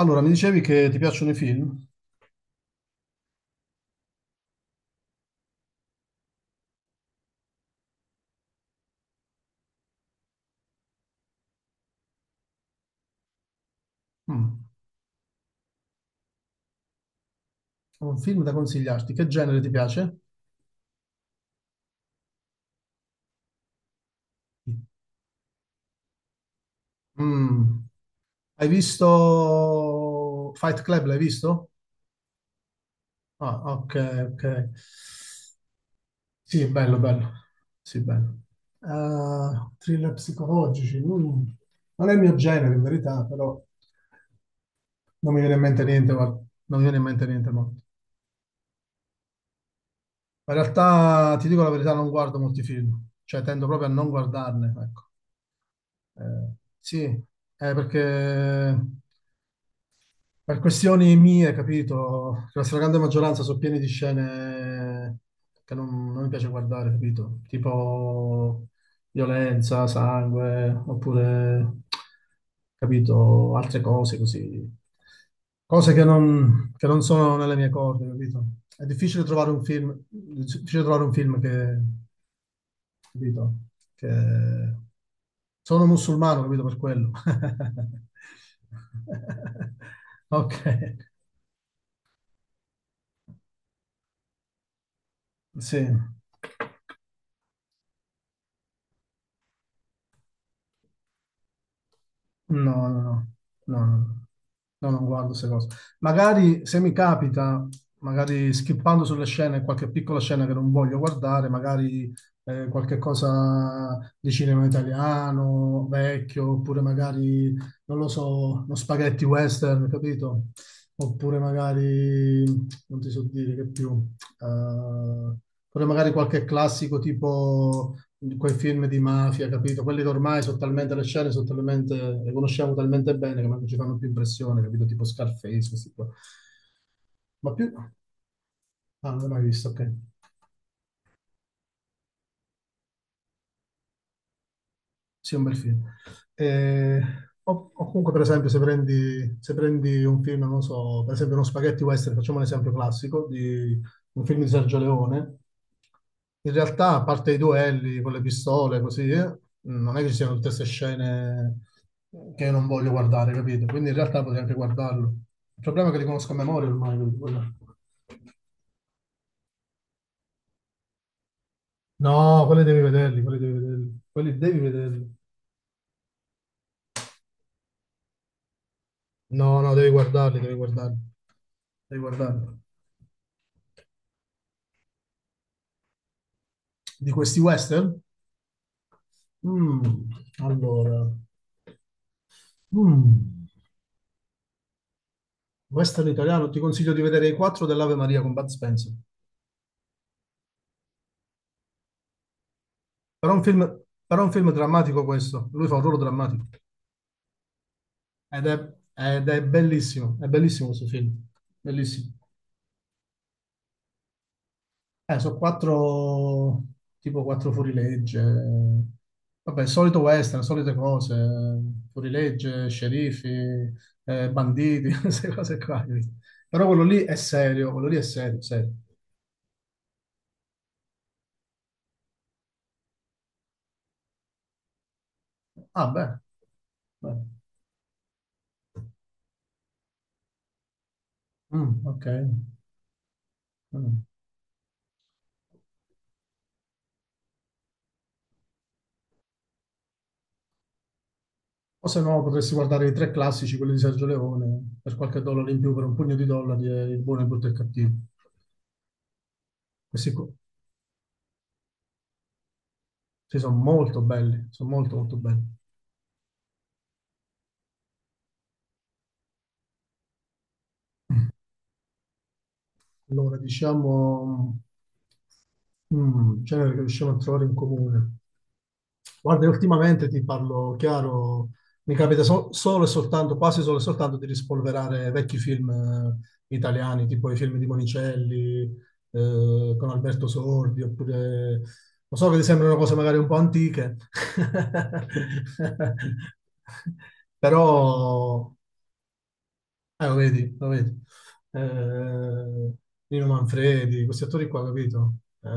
Allora, mi dicevi che ti piacciono i film? Mm. Ho un film da consigliarti. Che genere ti piace? Mm. Hai visto Fight Club? L'hai visto? Ah, ok, ok. Sì, bello, bello. Sì, bello. Thriller psicologici. Mm. Non è il mio genere, in verità, però non mi viene in mente niente, guarda. Non mi viene in mente niente molto. Ma in realtà, ti dico la verità, non guardo molti film. Cioè, tendo proprio a non guardarne, ecco. Eh, sì, perché per questioni mie, capito, che la stragrande maggioranza sono piene di scene che non, non mi piace guardare, capito? Tipo violenza, sangue, oppure, capito, altre cose così. Cose che non sono nelle mie corde, capito? È difficile trovare un film, è difficile trovare un film che, capito? Che sono musulmano, capito per quello. Ok, sì. No, no, no, no, no, no, no, non guardo queste cose. Magari se mi capita, magari skippando sulle scene, qualche piccola scena che non voglio guardare, magari qualche cosa di cinema italiano, vecchio, oppure magari, non lo so, uno spaghetti western, capito? Oppure magari, non ti so dire che più. Eh, Pure magari qualche classico tipo quei film di mafia, capito? Quelli che ormai sono talmente le scene, sono talmente, le conosciamo talmente bene che non ci fanno più impressione, capito? Tipo Scarface, questi qua. Ah, non l'ho mai visto, ok. Sì, è un bel film. Eh, o, comunque, per esempio, se prendi un film, non so, per esempio uno spaghetti western, facciamo un esempio classico di un film di Sergio Leone, in realtà, a parte i duelli con le pistole, così, non è che ci siano tutte queste scene che io non voglio guardare, capito? Quindi in realtà potrei anche guardarlo. Il problema è che li conosco a memoria ormai, quindi no, quelli devi vederli, quelli devi vederli. Quelli devi vederli. No, no, devi guardarli, devi guardarli. Devi guardarli. Di questi western? Mm, allora, mm, western italiano, ti consiglio di vedere i quattro dell'Ave Maria con Bud Spencer. Però è un film, però è un film drammatico questo, lui fa un ruolo drammatico ed è bellissimo questo film, bellissimo. Sono quattro, tipo quattro fuorilegge, vabbè, solito western, solite cose, fuorilegge, sceriffi, banditi, queste cose qua. Però quello lì è serio, quello lì è serio, serio. Ah, beh. Beh. Mm, ok. Mm. O se no potresti guardare i tre classici, quelli di Sergio Leone, per qualche dollaro in più, per un pugno di dollari, e il buono, il brutto e il cattivo. Questi co- sì, sono molto belli, sono molto molto belli. Allora, diciamo, mm, genere che riusciamo a trovare in comune. Guarda, io ultimamente ti parlo chiaro, mi capita solo e soltanto, quasi solo e soltanto di rispolverare vecchi film italiani, tipo i film di Monicelli, con Alberto Sordi, oppure, lo so che ti sembrano cose magari un po' antiche, però lo vedi, lo vedi. Eh, Nino Manfredi, questi attori qua, capito? Eh,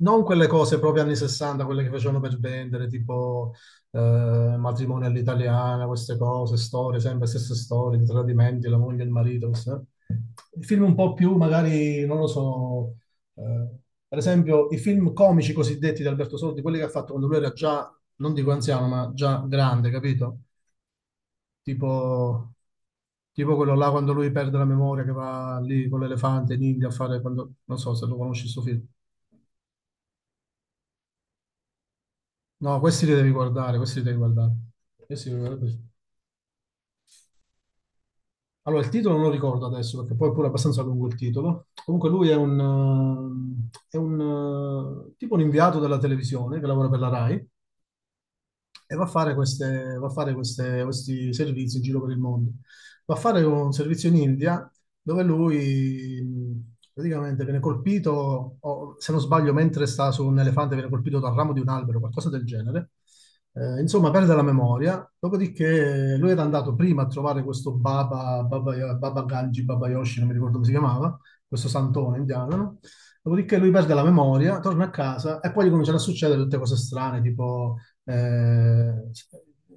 Non quelle cose proprio anni 60, quelle che facevano per vendere, tipo eh, matrimonio all'italiana, queste cose, storie, sempre stesse storie, di tradimenti, la moglie e il marito. I film un po' più, magari, non lo so, eh, per esempio i film comici cosiddetti di Alberto Sordi, quelli che ha fatto quando lui era già, non dico anziano, ma già grande, capito? tipo, tipo quello là quando lui perde la memoria che va lì con l'elefante in India a fare quando, non so se lo conosci sto film. No, questi li devi guardare, questi li devi guardare. Questi li devi guardare. Allora, il titolo non lo ricordo adesso perché poi è pure abbastanza lungo il titolo. Comunque lui è è un tipo un inviato della televisione che lavora per la RAI e va a fare, va a fare questi servizi in giro per il mondo. Va a fare un servizio in India dove lui praticamente viene colpito, o, se non sbaglio, mentre sta su un elefante, viene colpito dal ramo di un albero, qualcosa del genere. Insomma, perde la memoria. Dopodiché lui era andato prima a trovare questo Baba Ganji, Baba Yoshi, non mi ricordo come si chiamava, questo santone indiano, no? Dopodiché lui perde la memoria, torna a casa e poi gli cominciano a succedere tutte cose strane, tipo eh,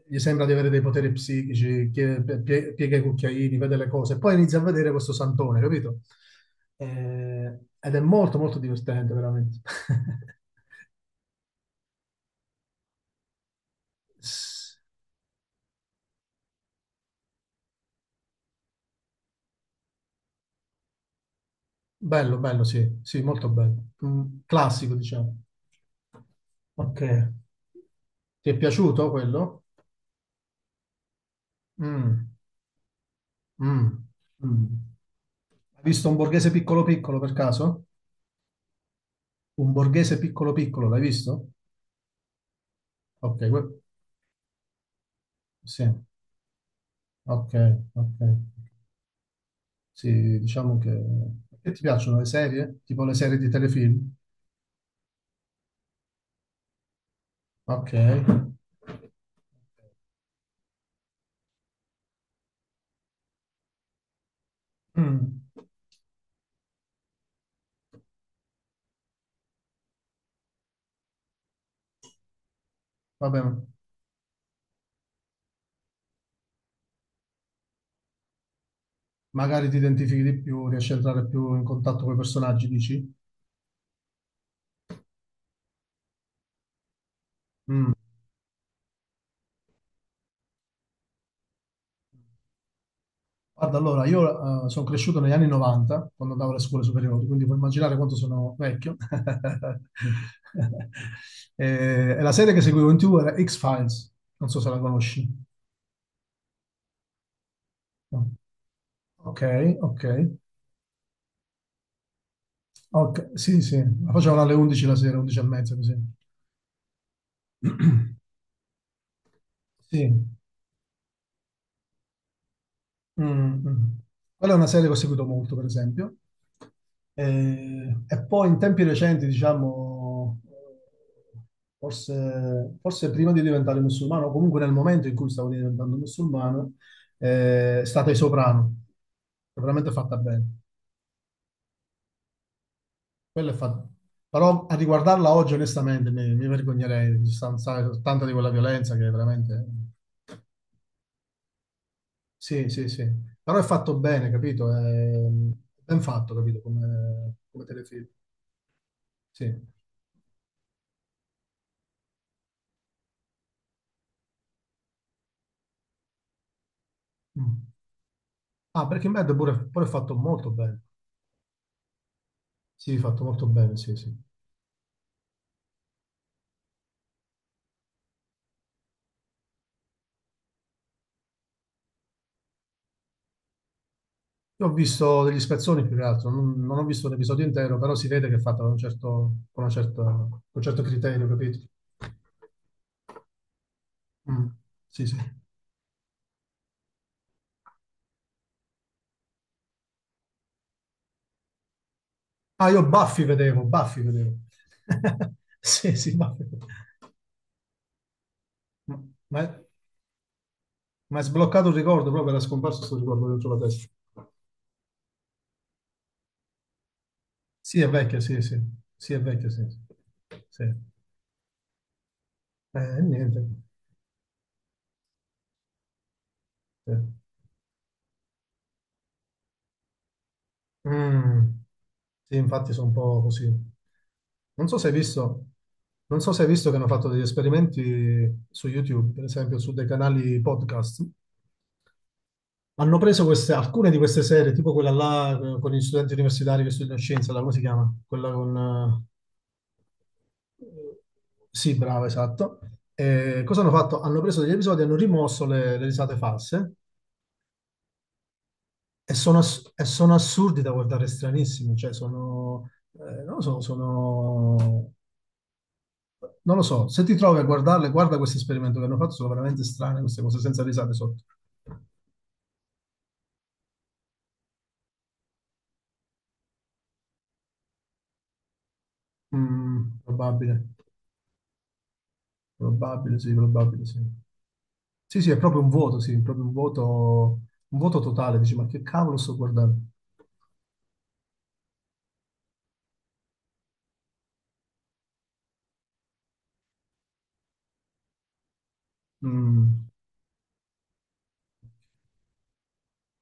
gli sembra di avere dei poteri psichici, che piega i cucchiaini, vede le cose, poi inizia a vedere questo santone, capito? Ed è molto molto divertente, veramente. Bello, bello, sì, sì, molto bello. Mm, classico, diciamo. Ok. Ti è piaciuto quello? Mm, mm, mm. Hai visto un borghese piccolo piccolo per caso? Un borghese piccolo piccolo, l'hai visto? Ok, sì, ok, ok. Sì, diciamo che... Che ti piacciono le serie? Tipo le serie di telefilm? Ok. Mm. Va bene. Magari ti identifichi di più, riesci a entrare più in contatto con i personaggi, dici? Guarda, allora, io sono cresciuto negli anni 90, quando andavo alle scuole superiori, quindi puoi immaginare quanto sono vecchio. E, e la serie che seguivo in TV era X-Files, non so se la conosci. No. Ok, ok. Ok, sì, sì, la facevano alle 11 la sera, 11 e mezza, così. Sì. Mm, mm. Quella è una serie che ho seguito molto, per esempio. E poi in tempi recenti, diciamo, forse prima di diventare musulmano, o comunque nel momento in cui stavo diventando musulmano, è stata I Soprano. Che è veramente fatta bene. Quella è fatta. Però a riguardarla oggi, onestamente, mi vergognerei, di tanta di quella violenza che veramente... Sì, sì, sì. Però è fatto bene, capito? È ben fatto, capito? Come, come telefilm. Sì. Mm. Ah, Breaking Bad pure, pure è fatto molto bene. Sì, fatto molto bene, sì, sì. Io ho visto degli spezzoni più che altro, non ho visto l'episodio intero, però si vede che è fatto con un certo, con una con un certo criterio, capito? Mm. Sì, sì. Ah, io Buffy vedevo, Buffy vedevo. Sì, sì, Buffy. Ma ma è ma è sbloccato un ricordo, proprio era scomparso questo ricordo dentro la testa. Sì, è vecchio, sì, sì. Sì, è vecchio, sì. Sì. Sì. Niente. Sì. Mm. Sì, infatti sono un po' così. Non so se hai visto, non so se hai visto che hanno fatto degli esperimenti su YouTube, per esempio su dei canali podcast. Hanno preso queste, alcune di queste serie, tipo quella là con gli studenti universitari che studiano scienza, come si chiama? Quella con... sì, bravo, esatto. E cosa hanno fatto? Hanno preso degli episodi e hanno rimosso le risate false. E sono, e sono assurdi da guardare stranissimi, cioè sono, non lo so, sono, non lo so, se ti trovi a guardarle, guarda questo esperimento che hanno fatto, sono veramente strane queste cose, senza risate sotto. Mm, probabile, sì, probabile, sì. Sì, sì, è proprio un vuoto, sì, è proprio un vuoto totale, dici, ma che cavolo sto guardando? Mm.